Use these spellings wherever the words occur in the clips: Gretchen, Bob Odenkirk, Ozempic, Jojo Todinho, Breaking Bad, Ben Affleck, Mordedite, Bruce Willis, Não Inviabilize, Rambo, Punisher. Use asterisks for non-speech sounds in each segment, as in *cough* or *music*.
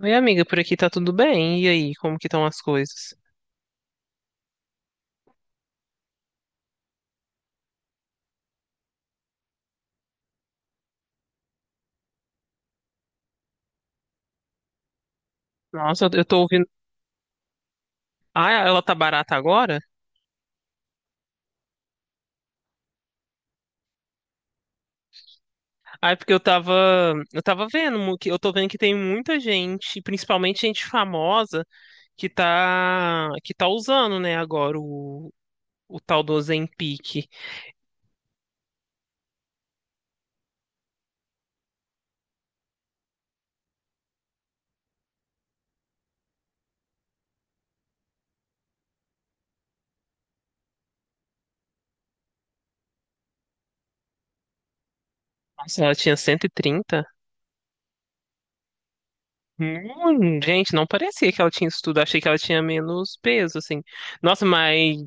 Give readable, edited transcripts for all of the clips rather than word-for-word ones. Oi, amiga, por aqui tá tudo bem? E aí, como que estão as coisas? Nossa, eu tô ouvindo. Ah, ela tá barata agora? Ah, é porque eu tava vendo, que eu tô vendo que tem muita gente, principalmente gente famosa, que tá usando, né, o tal do Ozempic. Nossa, ela tinha 130. Gente, não parecia que ela tinha isso tudo. Achei que ela tinha menos peso, assim. Nossa, mas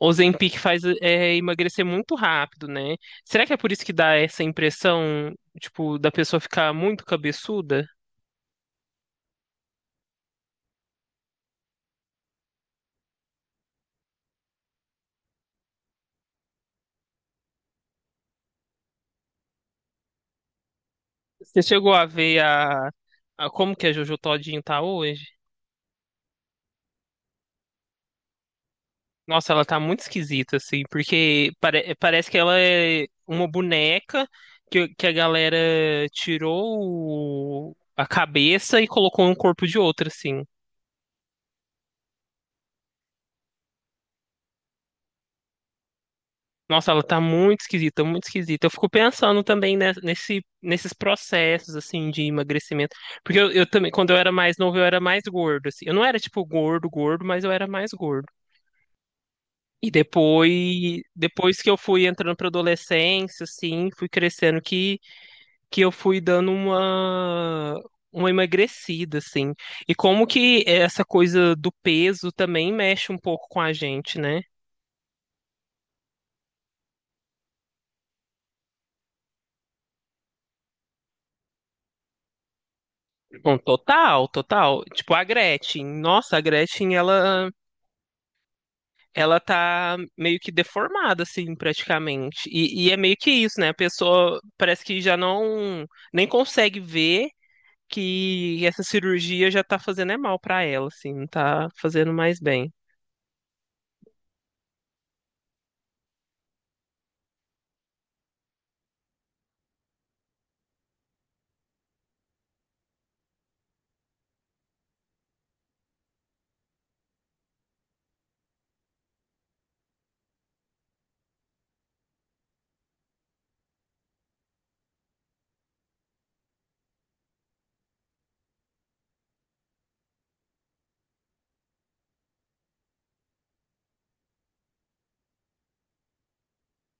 Ozempic faz é, emagrecer muito rápido, né? Será que é por isso que dá essa impressão, tipo, da pessoa ficar muito cabeçuda? Você chegou a ver a como que a Jojo Todinho tá hoje? Nossa, ela tá muito esquisita, assim, porque parece que ela é uma boneca que a galera tirou a cabeça e colocou no corpo de outra, assim. Nossa, ela tá muito esquisita, muito esquisita. Eu fico pensando também nesses processos, assim, de emagrecimento. Porque eu também, quando eu era mais novo, eu era mais gordo, assim. Eu não era, tipo, gordo, gordo, mas eu era mais gordo. E depois que eu fui entrando pra adolescência, assim, fui crescendo, que eu fui dando uma emagrecida, assim. E como que essa coisa do peso também mexe um pouco com a gente, né? Com total, total. Tipo, a Gretchen. Nossa, a Gretchen, ela tá meio que deformada, assim, praticamente. E é meio que isso, né? A pessoa parece que já não, nem consegue ver que essa cirurgia já tá fazendo é mal pra ela, assim, não tá fazendo mais bem.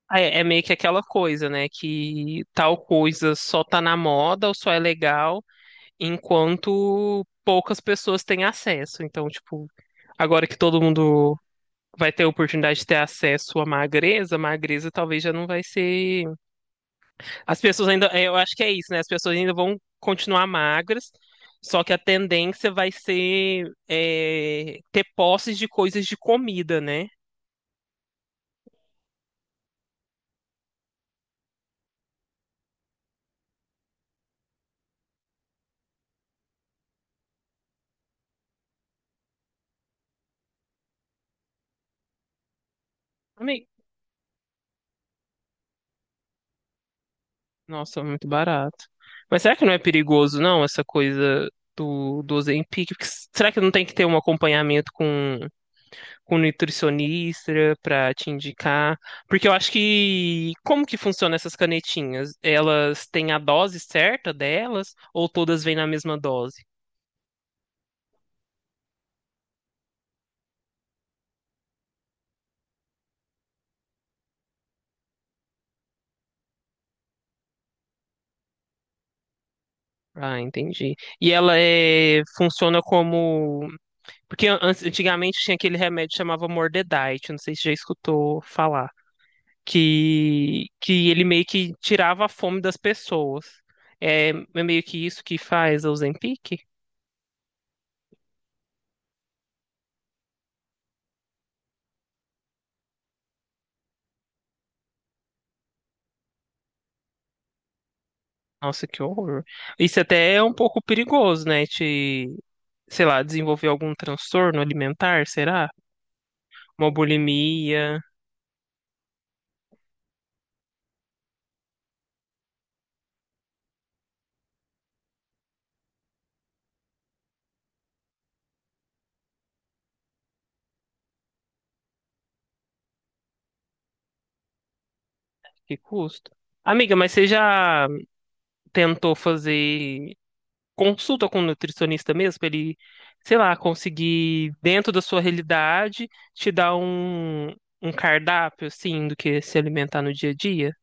Ah, é é meio que aquela coisa, né? Que tal coisa só tá na moda ou só é legal enquanto poucas pessoas têm acesso. Então, tipo, agora que todo mundo vai ter a oportunidade de ter acesso à magreza, a magreza talvez já não vai ser. As pessoas ainda, é, eu acho que é isso, né? As pessoas ainda vão continuar magras, só que a tendência vai ser é, ter posses de coisas de comida, né? Amei. Nossa, muito barato. Mas será que não é perigoso, não, essa coisa do Ozempic? Porque será que não tem que ter um acompanhamento com nutricionista para te indicar, porque eu acho que como que funciona essas canetinhas? Elas têm a dose certa delas ou todas vêm na mesma dose? Ah, entendi. E ela é funciona como porque antigamente tinha aquele remédio que chamava Mordedite, não sei se já escutou falar, que ele meio que tirava a fome das pessoas. É, é meio que isso que faz a Ozempic? Nossa, que horror. Isso até é um pouco perigoso, né? Te, sei lá, desenvolver algum transtorno alimentar, será? Uma bulimia, que custa? Amiga, mas você já tentou fazer consulta com um nutricionista mesmo, pra ele, sei lá, conseguir, dentro da sua realidade, te dar um cardápio, assim, do que se alimentar no dia a dia?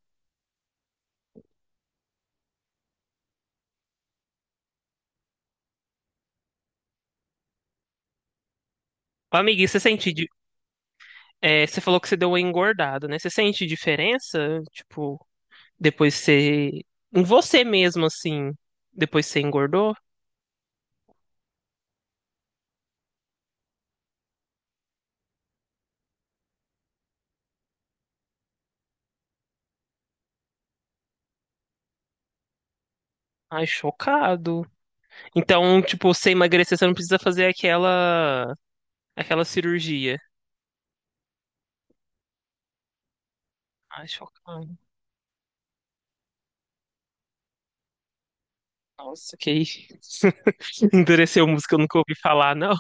Ô, amiga, e você sente, é, você falou que você deu uma engordada, né? Você sente diferença, tipo, depois você. Em você mesmo, assim. Depois você engordou? Ai, chocado. Então, tipo, você emagrecer, você não precisa fazer aquela. Aquela cirurgia. Ai, chocado. Nossa, que isso. *laughs* Endureceu música, eu nunca ouvi falar, não.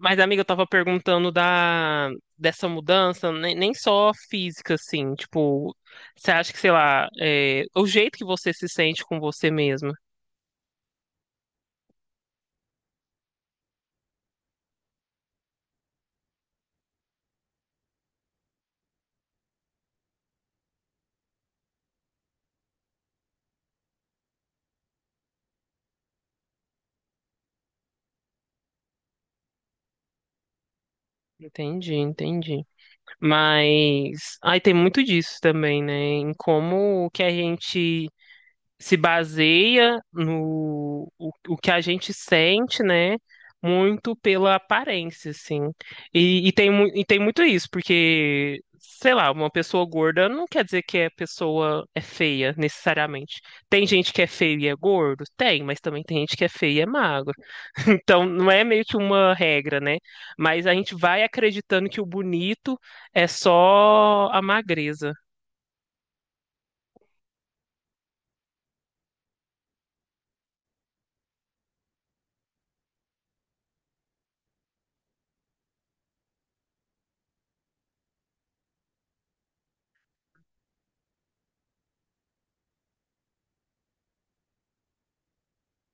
Mas, amiga, eu tava perguntando da dessa mudança, nem, nem só física, assim, tipo, você acha que, sei lá, é, o jeito que você se sente com você mesma. Entendi, entendi. Mas aí tem muito disso também, né? Em como que a gente se baseia no o que a gente sente, né? Muito pela aparência, assim. E tem, e tem muito isso, porque, sei lá, uma pessoa gorda não quer dizer que a pessoa é feia, necessariamente. Tem gente que é feio e é gordo? Tem, mas também tem gente que é feio e é magro. *laughs* Então, não é meio que uma regra, né? Mas a gente vai acreditando que o bonito é só a magreza,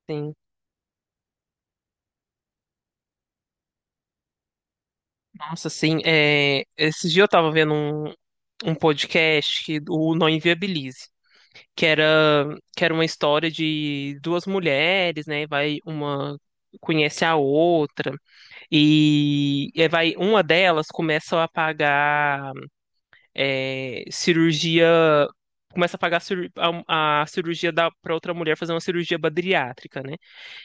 sim. Nossa, assim, é, esses dias eu tava vendo um podcast que o Não Inviabilize, que era, que era uma história de duas mulheres, né? Vai uma conhece a outra e vai uma delas começa a pagar é, cirurgia, começa a pagar a cirurgia da para outra mulher fazer uma cirurgia bariátrica, né?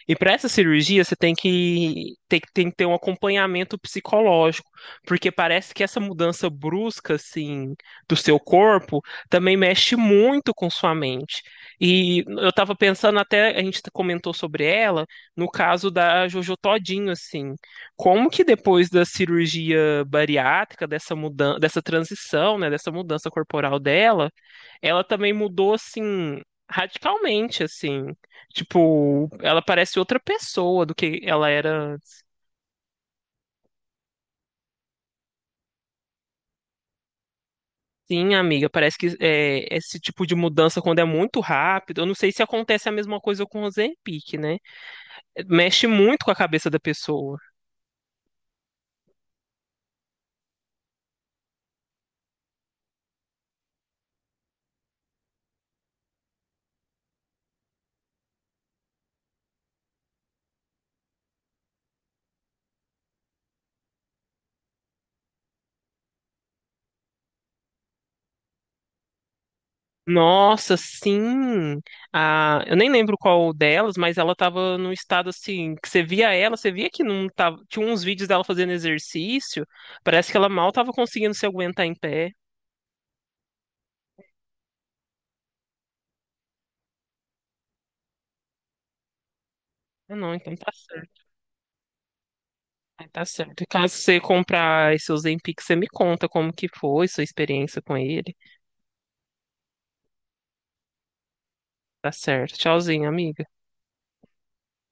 E para essa cirurgia, você tem tem que ter um acompanhamento psicológico, porque parece que essa mudança brusca, assim, do seu corpo também mexe muito com sua mente. E eu estava pensando até, a gente comentou sobre ela, no caso da Jojo Todinho, assim, como que depois da cirurgia bariátrica, dessa mudança, dessa transição, né, dessa mudança corporal dela, ela também mudou, assim, radicalmente, assim. Tipo, ela parece outra pessoa do que ela era. Sim, amiga, parece que é, esse tipo de mudança, quando é muito rápido, eu não sei se acontece a mesma coisa com o Ozempic, né? Mexe muito com a cabeça da pessoa. Nossa, sim! Ah, eu nem lembro qual delas, mas ela tava num estado assim, que você via ela, você via que não tava. Tinha uns vídeos dela fazendo exercício, parece que ela mal tava conseguindo se aguentar em pé. Ah, não, então tá certo. Ah, tá certo. Caso você comprar esse Ozempic, você me conta como que foi, sua experiência com ele. Tá certo. Tchauzinho, amigo.